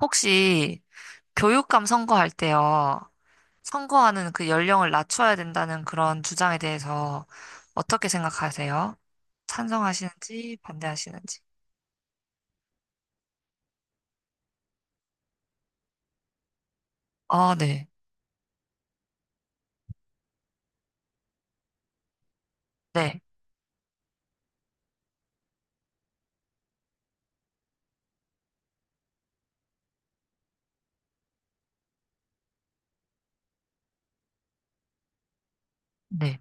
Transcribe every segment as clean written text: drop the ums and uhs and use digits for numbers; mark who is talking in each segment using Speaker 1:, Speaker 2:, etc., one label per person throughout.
Speaker 1: 혹시 교육감 선거할 때요, 선거하는 그 연령을 낮춰야 된다는 그런 주장에 대해서 어떻게 생각하세요? 찬성하시는지 반대하시는지? 아, 네. 네. 네.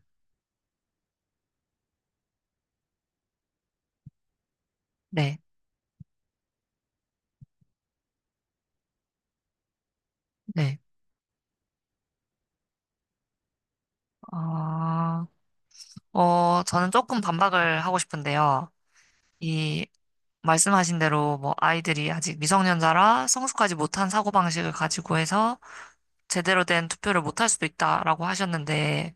Speaker 1: 네. 네. 아, 저는 조금 반박을 하고 싶은데요. 이 말씀하신 대로 뭐 아이들이 아직 미성년자라 성숙하지 못한 사고방식을 가지고 해서 제대로 된 투표를 못할 수도 있다라고 하셨는데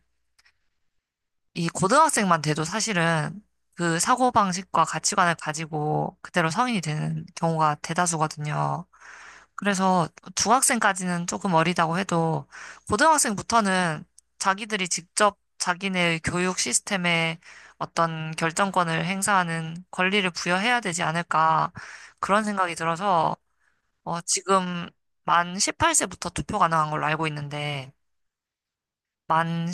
Speaker 1: 이 고등학생만 돼도 사실은 그 사고방식과 가치관을 가지고 그대로 성인이 되는 경우가 대다수거든요. 그래서 중학생까지는 조금 어리다고 해도 고등학생부터는 자기들이 직접 자기네의 교육 시스템에 어떤 결정권을 행사하는 권리를 부여해야 되지 않을까 그런 생각이 들어서 지금 만 18세부터 투표 가능한 걸로 알고 있는데 만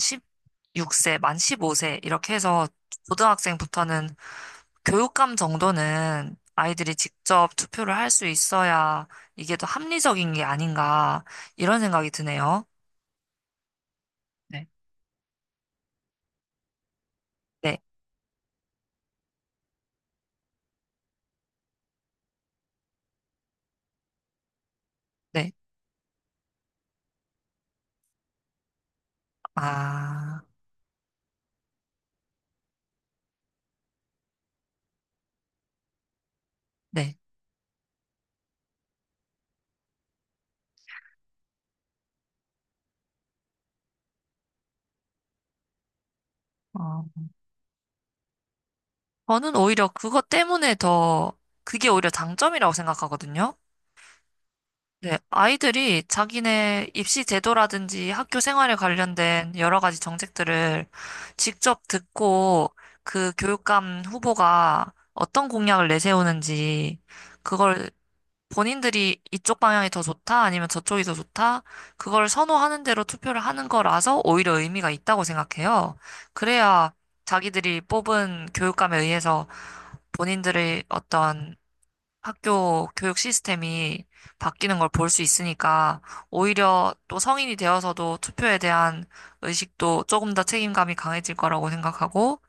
Speaker 1: 6세, 만 15세, 이렇게 해서 고등학생부터는 교육감 정도는 아이들이 직접 투표를 할 수 있어야 이게 더 합리적인 게 아닌가, 이런 생각이 드네요. 네. 네, 네. 아, 네. 어, 저는 오히려 그것 때문에 더, 그게 오히려 장점이라고 생각하거든요. 네, 아이들이 자기네 입시 제도라든지 학교 생활에 관련된 여러 가지 정책들을 직접 듣고 그 교육감 후보가 어떤 공약을 내세우는지 그걸 본인들이 이쪽 방향이 더 좋다 아니면 저쪽이 더 좋다 그걸 선호하는 대로 투표를 하는 거라서 오히려 의미가 있다고 생각해요. 그래야 자기들이 뽑은 교육감에 의해서 본인들의 어떤 학교 교육 시스템이 바뀌는 걸 볼 수 있으니까 오히려 또 성인이 되어서도 투표에 대한 의식도 조금 더 책임감이 강해질 거라고 생각하고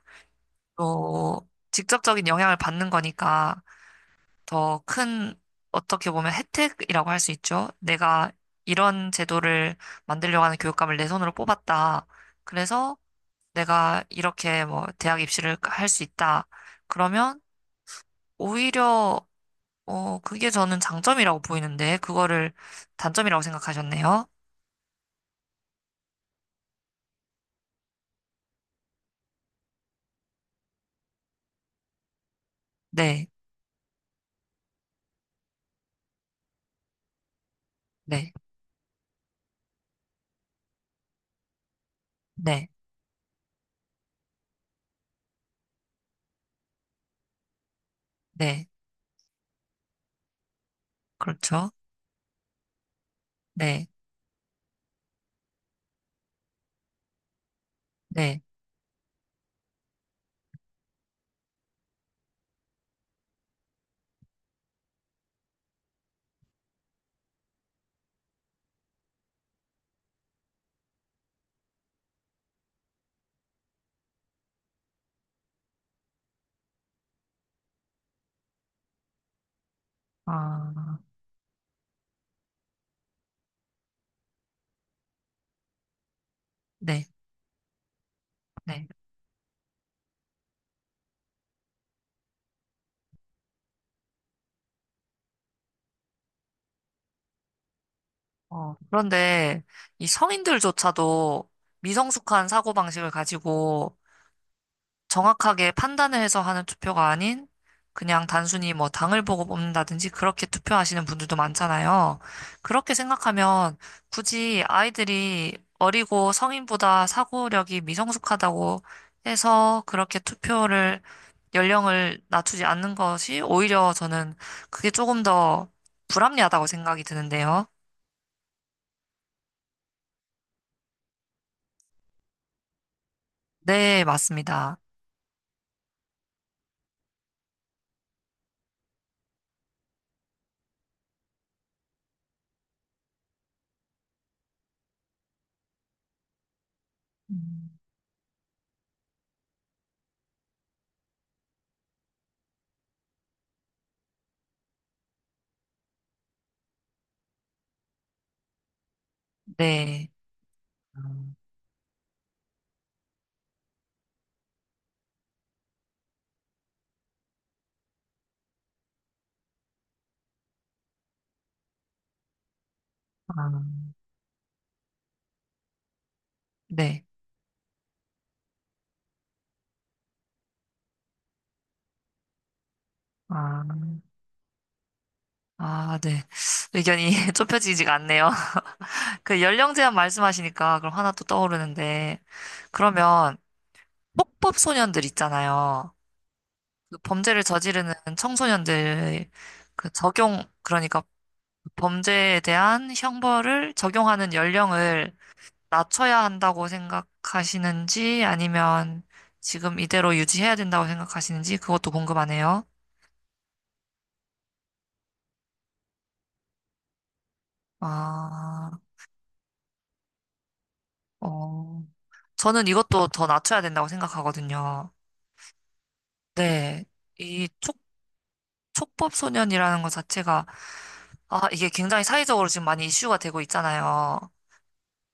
Speaker 1: 또 직접적인 영향을 받는 거니까 더 큰 어떻게 보면 혜택이라고 할 수 있죠. 내가 이런 제도를 만들려고 하는 교육감을 내 손으로 뽑았다. 그래서 내가 이렇게 뭐 대학 입시를 할 수 있다. 그러면 오히려 그게 저는 장점이라고 보이는데, 그거를 단점이라고 생각하셨네요. 네, 네, 네, 네. 그렇죠. 네, 네. 아, 네, 네. 그런데 이 성인들조차도 미성숙한 사고방식을 가지고 정확하게 판단을 해서 하는 투표가 아닌 그냥 단순히 뭐 당을 보고 뽑는다든지 그렇게 투표하시는 분들도 많잖아요. 그렇게 생각하면 굳이 아이들이 어리고 성인보다 사고력이 미성숙하다고 해서 그렇게 투표를 연령을 낮추지 않는 것이 오히려 저는 그게 조금 더 불합리하다고 생각이 드는데요. 네, 맞습니다. 음, 네. 음. 아, 네. 아. 아, 네. 의견이 좁혀지지가 않네요. 그 연령 제한 말씀하시니까 그럼 하나 또 떠오르는데, 그러면 폭법 소년들 있잖아요. 그 범죄를 저지르는 청소년들, 그 적용, 그러니까 범죄에 대한 형벌을 적용하는 연령을 낮춰야 한다고 생각하시는지, 아니면 지금 이대로 유지해야 된다고 생각하시는지, 그것도 궁금하네요. 아, 어, 저는 이것도 더 낮춰야 된다고 생각하거든요. 네, 이 촉법소년이라는 것 자체가, 아, 이게 굉장히 사회적으로 지금 많이 이슈가 되고 있잖아요.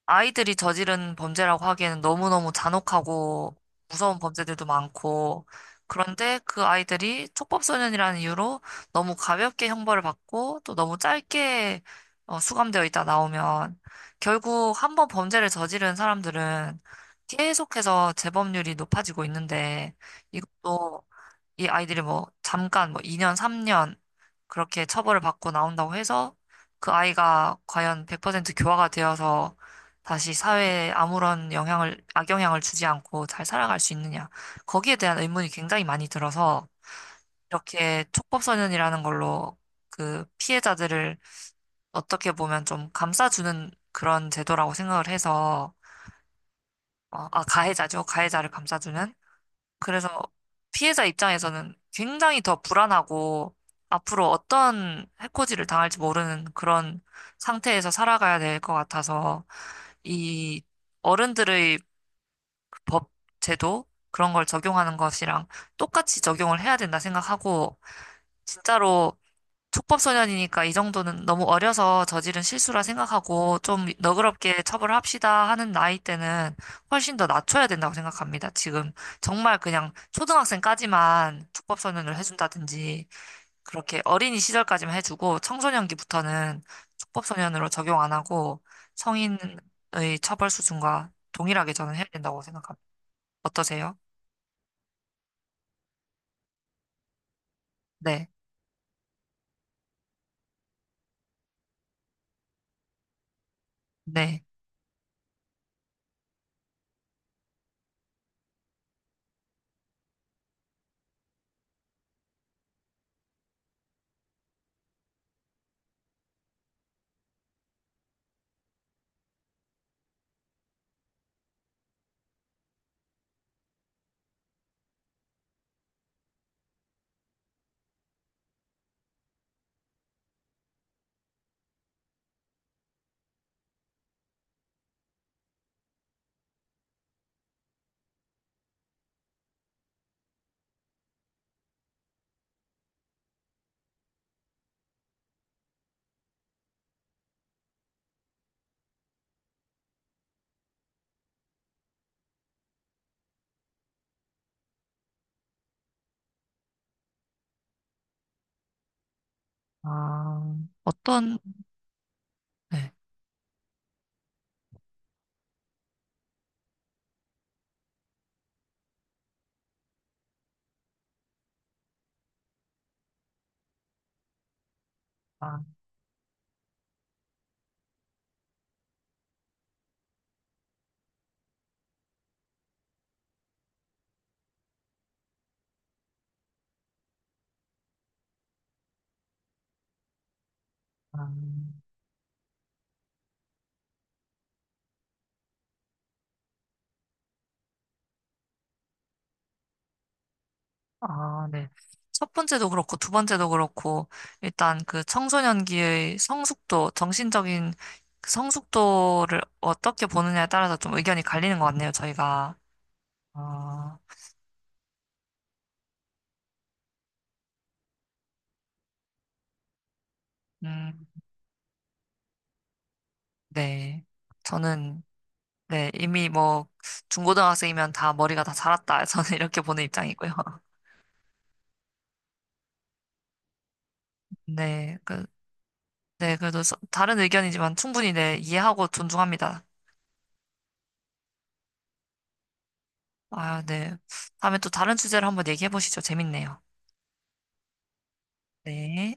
Speaker 1: 아이들이 저지른 범죄라고 하기에는 너무너무 잔혹하고 무서운 범죄들도 많고, 그런데 그 아이들이 촉법소년이라는 이유로 너무 가볍게 형벌을 받고 또 너무 짧게 수감되어 있다 나오면 결국 한번 범죄를 저지른 사람들은 계속해서 재범률이 높아지고 있는데 이것도 이 아이들이 뭐 잠깐 뭐 2년, 3년 그렇게 처벌을 받고 나온다고 해서 그 아이가 과연 100% 교화가 되어서 다시 사회에 아무런 영향을, 악영향을 주지 않고 잘 살아갈 수 있느냐. 거기에 대한 의문이 굉장히 많이 들어서 이렇게 촉법소년이라는 걸로 그 피해자들을 어떻게 보면 좀 감싸주는 그런 제도라고 생각을 해서, 아, 가해자죠. 가해자를 감싸주는. 그래서 피해자 입장에서는 굉장히 더 불안하고 앞으로 어떤 해코지를 당할지 모르는 그런 상태에서 살아가야 될 것 같아서 이 어른들의 법, 제도 그런 걸 적용하는 것이랑 똑같이 적용을 해야 된다 생각하고 진짜로 촉법소년이니까 이 정도는 너무 어려서 저지른 실수라 생각하고 좀 너그럽게 처벌합시다 하는 나이 때는 훨씬 더 낮춰야 된다고 생각합니다. 지금 정말 그냥 초등학생까지만 촉법소년을 해준다든지 그렇게 어린이 시절까지만 해주고 청소년기부터는 촉법소년으로 적용 안 하고 성인의 처벌 수준과 동일하게 저는 해야 된다고 생각합니다. 어떠세요? 네, 네. 아, 어떤, 네. 아, 아, 아, 네. 첫 번째도 그렇고, 두 번째도 그렇고, 일단 그 청소년기의 성숙도, 정신적인 그 성숙도를 어떻게 보느냐에 따라서 좀 의견이 갈리는 것 같네요, 저희가. 아, 음, 네. 저는, 네, 이미 뭐, 중고등학생이면 다 머리가 다 자랐다. 저는 이렇게 보는 입장이고요. 네, 그, 네, 그래도 다른 의견이지만 충분히 네, 이해하고 존중합니다. 아, 네. 다음에 또 다른 주제로 한번 얘기해 보시죠. 재밌네요. 네.